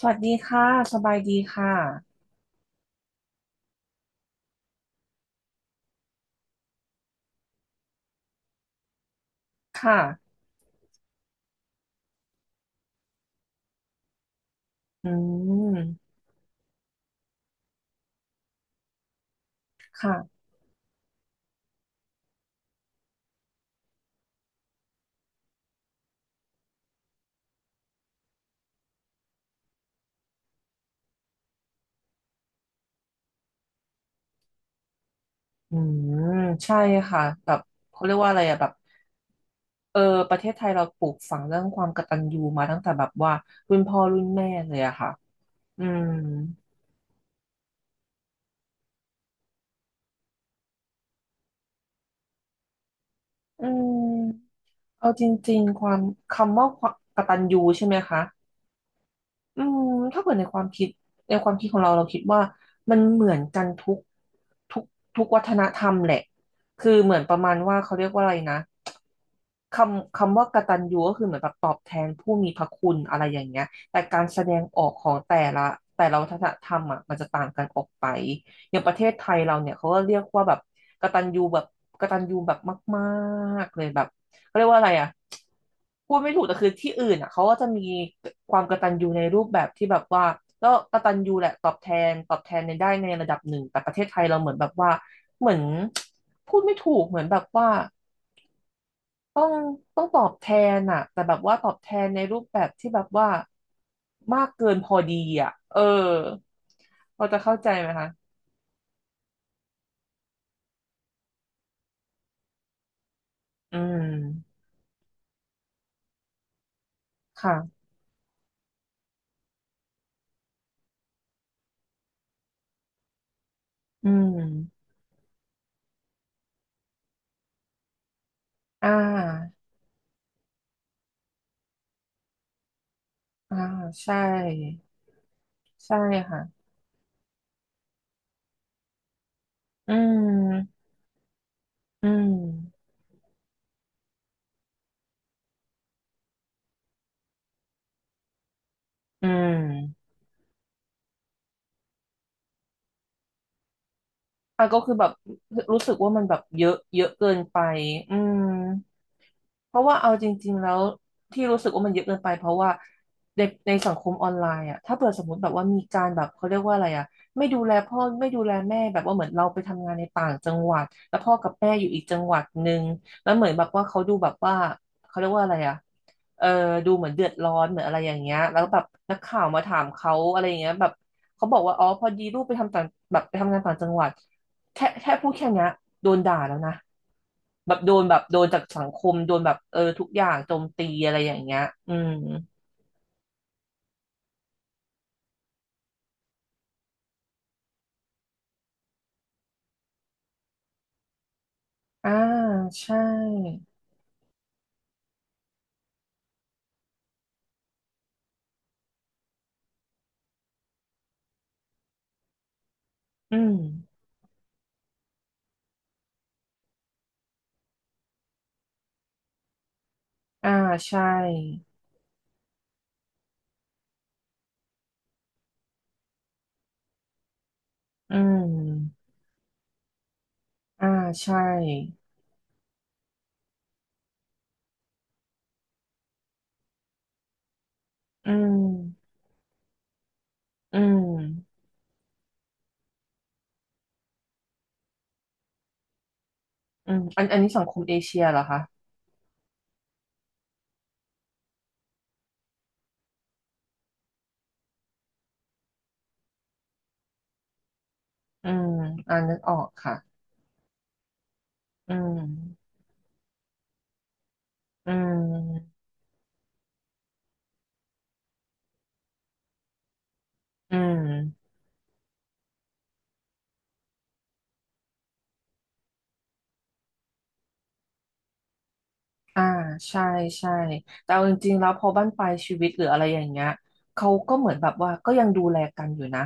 สวัสดีค่ะ สบายดีค่ะ ค่ะ อืมค่ะอืมใช่ค่ะ แบบเขาเรียกว่าอะไรอะแบบ เออ ประเทศไทยเราปลูกฝังเรื่องความกตัญญูมาตั้งแต่แบบว่ารุ่นพ่อรุ่นแม่เลยอะค่ะ อืมอืมเอาจริงๆ ความคำว่าความกตัญญูใช่ไหมคะ อืมถ้าเกิดในความคิดของเราคิดว่ามันเหมือนกันทุกทุกวัฒนธรรมแหละคือเหมือนประมาณว่าเขาเรียกว่าอะไรนะคำว่ากตัญญูก็คือเหมือนแบบตอบแทนผู้มีพระคุณอะไรอย่างเงี้ยแต่การแสดงออกของแต่ละวัฒนธรรมอ่ะมันจะต่างกันออกไปอย่างประเทศไทยเราเนี่ยเขาก็เรียกว่าแบบกตัญญูแบบกตัญญูแบบมากๆเลยแบบ เขาเรียกว่าอะไรอ่ะพูดไม่ถูกแต่คือที่อื่นอ่ะเขาก็จะมีความกตัญญูในรูปแบบที่แบบว่าก็กตัญญูแหละตอบแทนในได้ในระดับหนึ่งแต่ประเทศไทยเราเหมือนแบบว่าเหมือนพูดไม่ถูกเหมือนแบบว่าต้องต้องตอบแทนอ่ะแต่แบบว่าตอบแทนในรูปแบบที่แบบว่ามากเกินพอดีอ่ะพอจะเข้าใจไหมคะอืมค่ะอืมอ่าอ่าใช่ใช่ค่ะอืม อืม อืมอ่ะก็คือแบบรู้สึกว่ามันแบบเยอะเยอะเกินไปอืม เพราะว่าเอาจริงๆแล้วที่รู้สึกว่ามันเยอะเกินไปเพราะว่าเด็กในสังคมออนไลน์อ่ะถ้าเปิดสมมติแบบว่ามีการแบบเขาเรียกว่าอะไรอ่ะไม่ดูแลพ่อไม่ดูแลแม่แบบว่าเหมือนเราไปทำงานในต่างจังหวัดแล้วพ่อกับแม่อยู่อีกจังหวัดหนึ่งแล้วเหมือนแบบว่าเขาดูแบบว่าเขาเรียกว่าอะไรอ่ะเออดูเหมือนเดือดร้อนเหมือนอะไรอย่างเงี้ยแล้วแบบนักข่าวมาถามเขาอะไรอย่างเงี้ยแบบเขาบอกว่าอ๋อพอดีลูกไปทำต่างแบบไปทำงานต่างจังหวัด แค่พูดแค่เนี้ยโดนด่าแล้วนะแบบโดนจากสังคมโดนแบบทุกอย่างโจมตีอะไรอย่างเงี้ยอืมอ่าใช่อืมอ่าใช่อืมอ่าใช่อืมอืมอืมอันนี้สังคมเอเชียเหรอคะอืมอ่านึกออกค่ะอืมอืมอืม อ่าใช่ใช่แต่เอาจริงๆแล้วพอบ้านปลายชีวิตหรืออะไรอย่างเงี้ยเขาก็เหมือนแบบว่าก็ยังดูแลกันอยู่นะ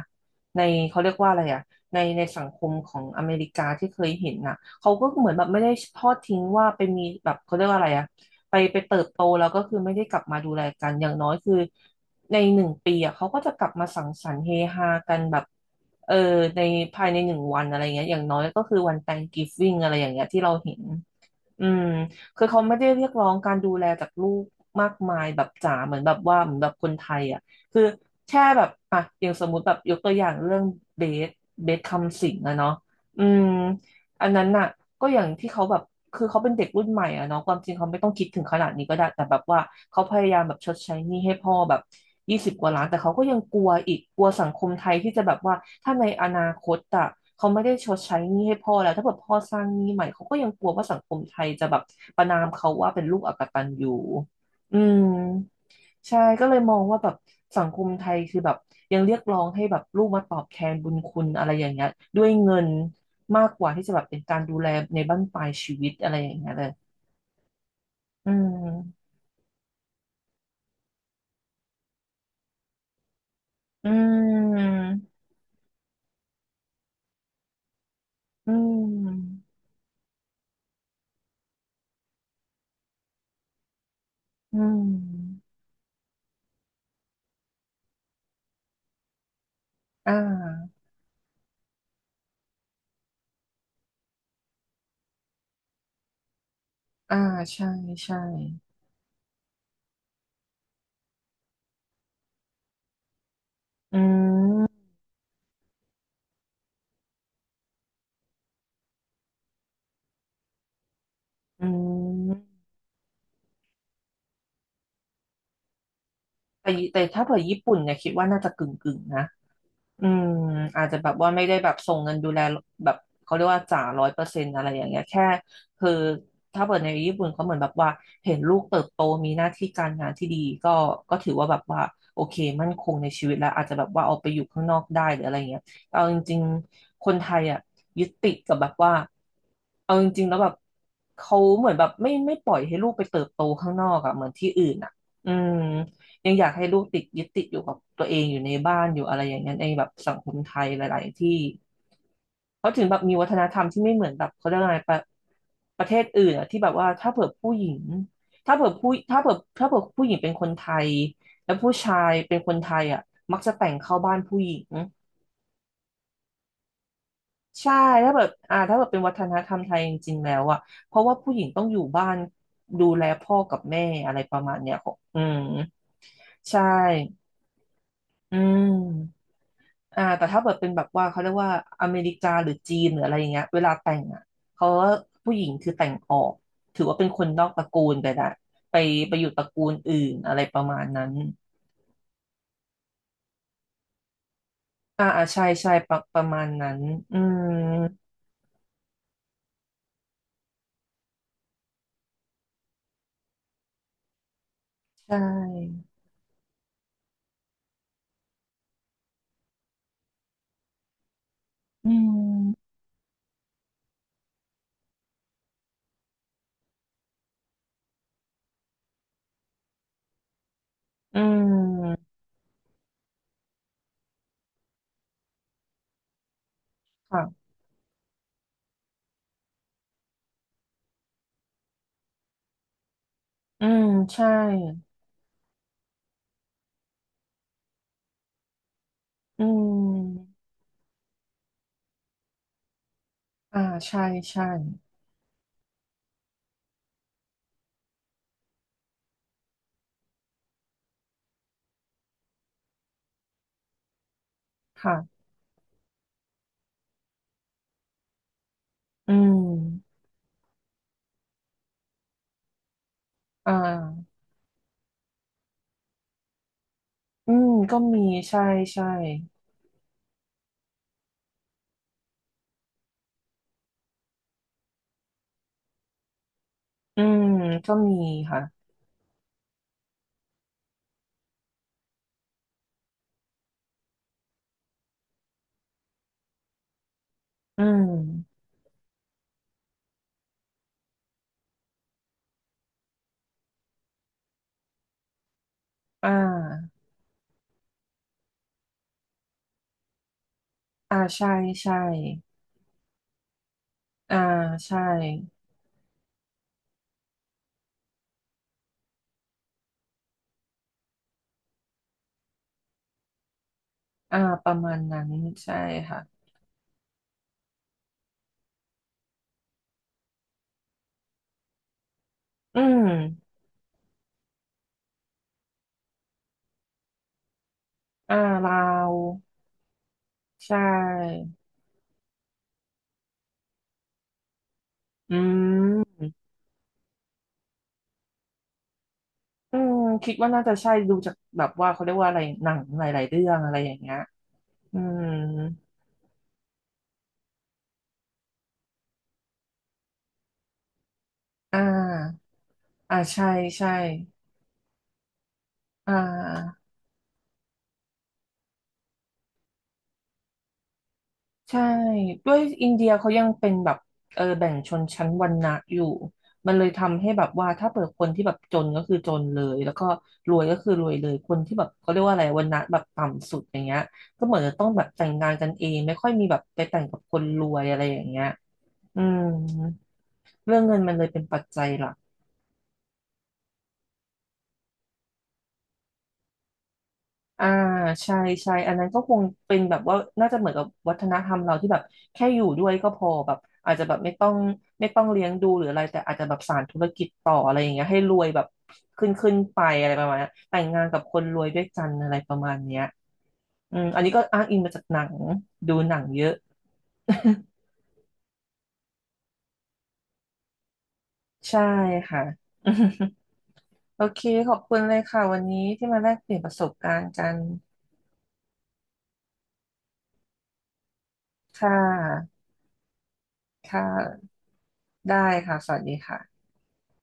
ในเขาเรียกว่าอะไรอ่ะในสังคมของอเมริกาที่เคยเห็นน่ะเขาก็เหมือนแบบไม่ได้ทอดทิ้งว่าไปมีแบบเขาเรียกว่าอะไรอ่ะไปเติบโตแล้วก็คือไม่ได้กลับมาดูแลกันอย่างน้อยคือในหนึ่งปีอ่ะเขาก็จะกลับมาสังสรรค์เฮฮากันแบบเออในภายในหนึ่งวันอะไรเงี้ยอย่างน้อยก็คือวัน Thanksgiving อะไรอย่างเงี้ยที่เราเห็น อืมคือเขาไม่ได้เรียกร้องการดูแลจากลูกมากมายแบบจ๋าเหมือนแบบว่าเหมือนแบบคนไทยอ่ะคือแค่แบบอ่ะอย่างสมมุติแบบยกตัวอย่างเรื่องเบสเบสคำสิงห์อะเนาะอืมอันนั้นน่ะ ก็อย่างที่เขาแบบคือเขาเป็นเด็กรุ่นใหม่อะเนาะความจริงเขาไม่ต้องคิดถึงขนาดนี้ก็ได้แต่แบบว่าเขาพยายามแบบชดใช้หนี้ให้พ่อแบบ20 กว่าล้านแต่เขาก็ยังกลัวอีกกลัวสังคมไทยที่จะแบบว่าถ้าในอนาคตอะเขาไม่ได้ชดใช้หนี้ให้พ่อแล้วถ้าแบบพ่อสร้างหนี้ใหม่เขาก็ยังกลัวว่าสังคมไทยจะแบบประณามเขาว่าเป็นลูกอกตัญญูอืมใช่ก็เลยมองว่าแบบสังคมไทยคือแบบยังเรียกร้องให้แบบลูกมาตอบแทนบุญคุณอะไรอย่างเงี้ยด้วยเงิน มากกว่าที่จะแบบเป็นการดูแลในบั้นปลายชีวิตอะไรอย่างเงี้ยเลยอืม อืม อืม อืม อ่า อ่า ใช่ ใช่ อืม อืม แต่ถ้าเผื่อญี่ปุ่นเนี่ยคิดว่าน่าจะกึ่งนะ อืมอาจจะแบบว่าไม่ได้แบบส่งเงินดูแลแบบเขาเรียกว่าจ่า100%อะไรอย่างเงี้ยแค่คือถ้าเปิดในญี่ปุ่นเขาเหมือนแบบว่าเห็นลูกเติบโตมีหน้าที่การงานที่ดีก็ก็ถือว่าแบบว่าโอเคมั่นคงในชีวิตแล้วอาจจะแบบว่าเอาไปอยู่ข้างนอกได้หรืออะไรเงี้ยแต่เอาจริงๆคนไทยอ่ะยึดติดกับแบบว่าเอาจริงๆแล้วแบบเขาเหมือนแบบไม่ปล่อยให้ลูกไปเติบโตข้างนอกอ่ะเหมือนที่อื่นอ่ะอืม ยังอยากให้ลูกติดยึดติดอยู่กับตัวเองอยู่ในบ้านอยู่อะไรอย่างเงี้ยในแบบสังคมไทยหลายๆที่เขาถึงแบบมีวัฒนธรรมที่ไม่เหมือนแบบเขาเรียกว่าอะไงประประเทศอื่นอะที่แบบว่าถ้าเผื่อผู้หญิงถ้าเผื่อผู้ถ้าเผื่อผู้หญิงเป็นคนไทยแล้วผู้ชายเป็นคนไทยอะมักจะแต่งเข้าบ้านผู้หญิงใช่ถ้าแบบถ้าแบบเป็นวัฒนธรรมไทยจริงๆแล้วอะเพราะว่าผู้หญิงต้องอยู่บ้านดูแลพ่อกับแม่อะไรประมาณเนี้ยของอืมใช่อืม อ่าแต่ถ้าเกิดเป็นแบบว่าเขาเรียกว่าอเมริกาหรือจีนหรืออะไรอย่างเงี้ยเวลาแต่งอ่ะเขาว่าผู้หญิงคือแต่งออกถือว่าเป็นคนนอกตระกูลไปละไปไปอยู่ตระกูลอื่นอะไรประมาณนั้นอ่าอ่าใช่ใช่ประประมาณนั้นอืมใช่อืมอืมค่ะอืมใช่อืมอ่าใช่ใช่ค่ะอืมอ่าอืมก็มีใช่ใช่อืมก็มีค่ะอืม อ่าอ่าใช่ใช่อ่าใช่อ่าประมาณนั้นใช่ค่ะอืมอ่าลาวใช่อืมอืมคิดว่าน่าจะใช่ดูจากแบบว่าเขาเรียกว่าอะไรหนังหลายๆเรื่องอะไรอย่างเงี้ยอืมอ่าอ่าใช่ใช่อ่า ใช่ด้วยอินเดียเขายังเป็นแบบเออแบ่งชนชั้นวรรณะอยู่มันเลยทำให้แบบว่าถ้าเปิดคนที่แบบจนก็คือจนเลยแล้วก็รวยก็คือรวยเลยคนที่แบบเขาเรียกว่าอะไรวรรณะแบบต่ำสุดอย่างเงี้ยก็เหมือนจะต้องแบบแต่งงานกันเองไม่ค่อยมีแบบไปแต่งกับคนรวยอะไรอย่างเงี้ยอืมเรื่องเงินมันเลยเป็นปัจจัยหลัก อ่าใช่ใช่อันนั้นก็คงเป็นแบบว่าน่าจะเหมือนกับวัฒนธรรมเราที่แบบแค่อยู่ด้วยก็พอแบบอาจจะแบบไม่ต้องเลี้ยงดูหรืออะไรแต่อาจจะแบบสานธุรกิจต่ออะไรอย่างเงี้ยให้รวยแบบขึ้นไปอะไรประมาณเนี้ยแต่งงานกับคนรวยด้วยกันอะไรประมาณเนี้ยอืมอันนี้ก็อ้างอิงมาจากหนังดูหนังเยอะ ใช่ค่ะ โอเคขอบคุณเลยค่ะวันนี้ที่มาแลกเปลี่ยนประสบการณ์กันค่ะค่ะได้ค่ะสวัสดีค่ะ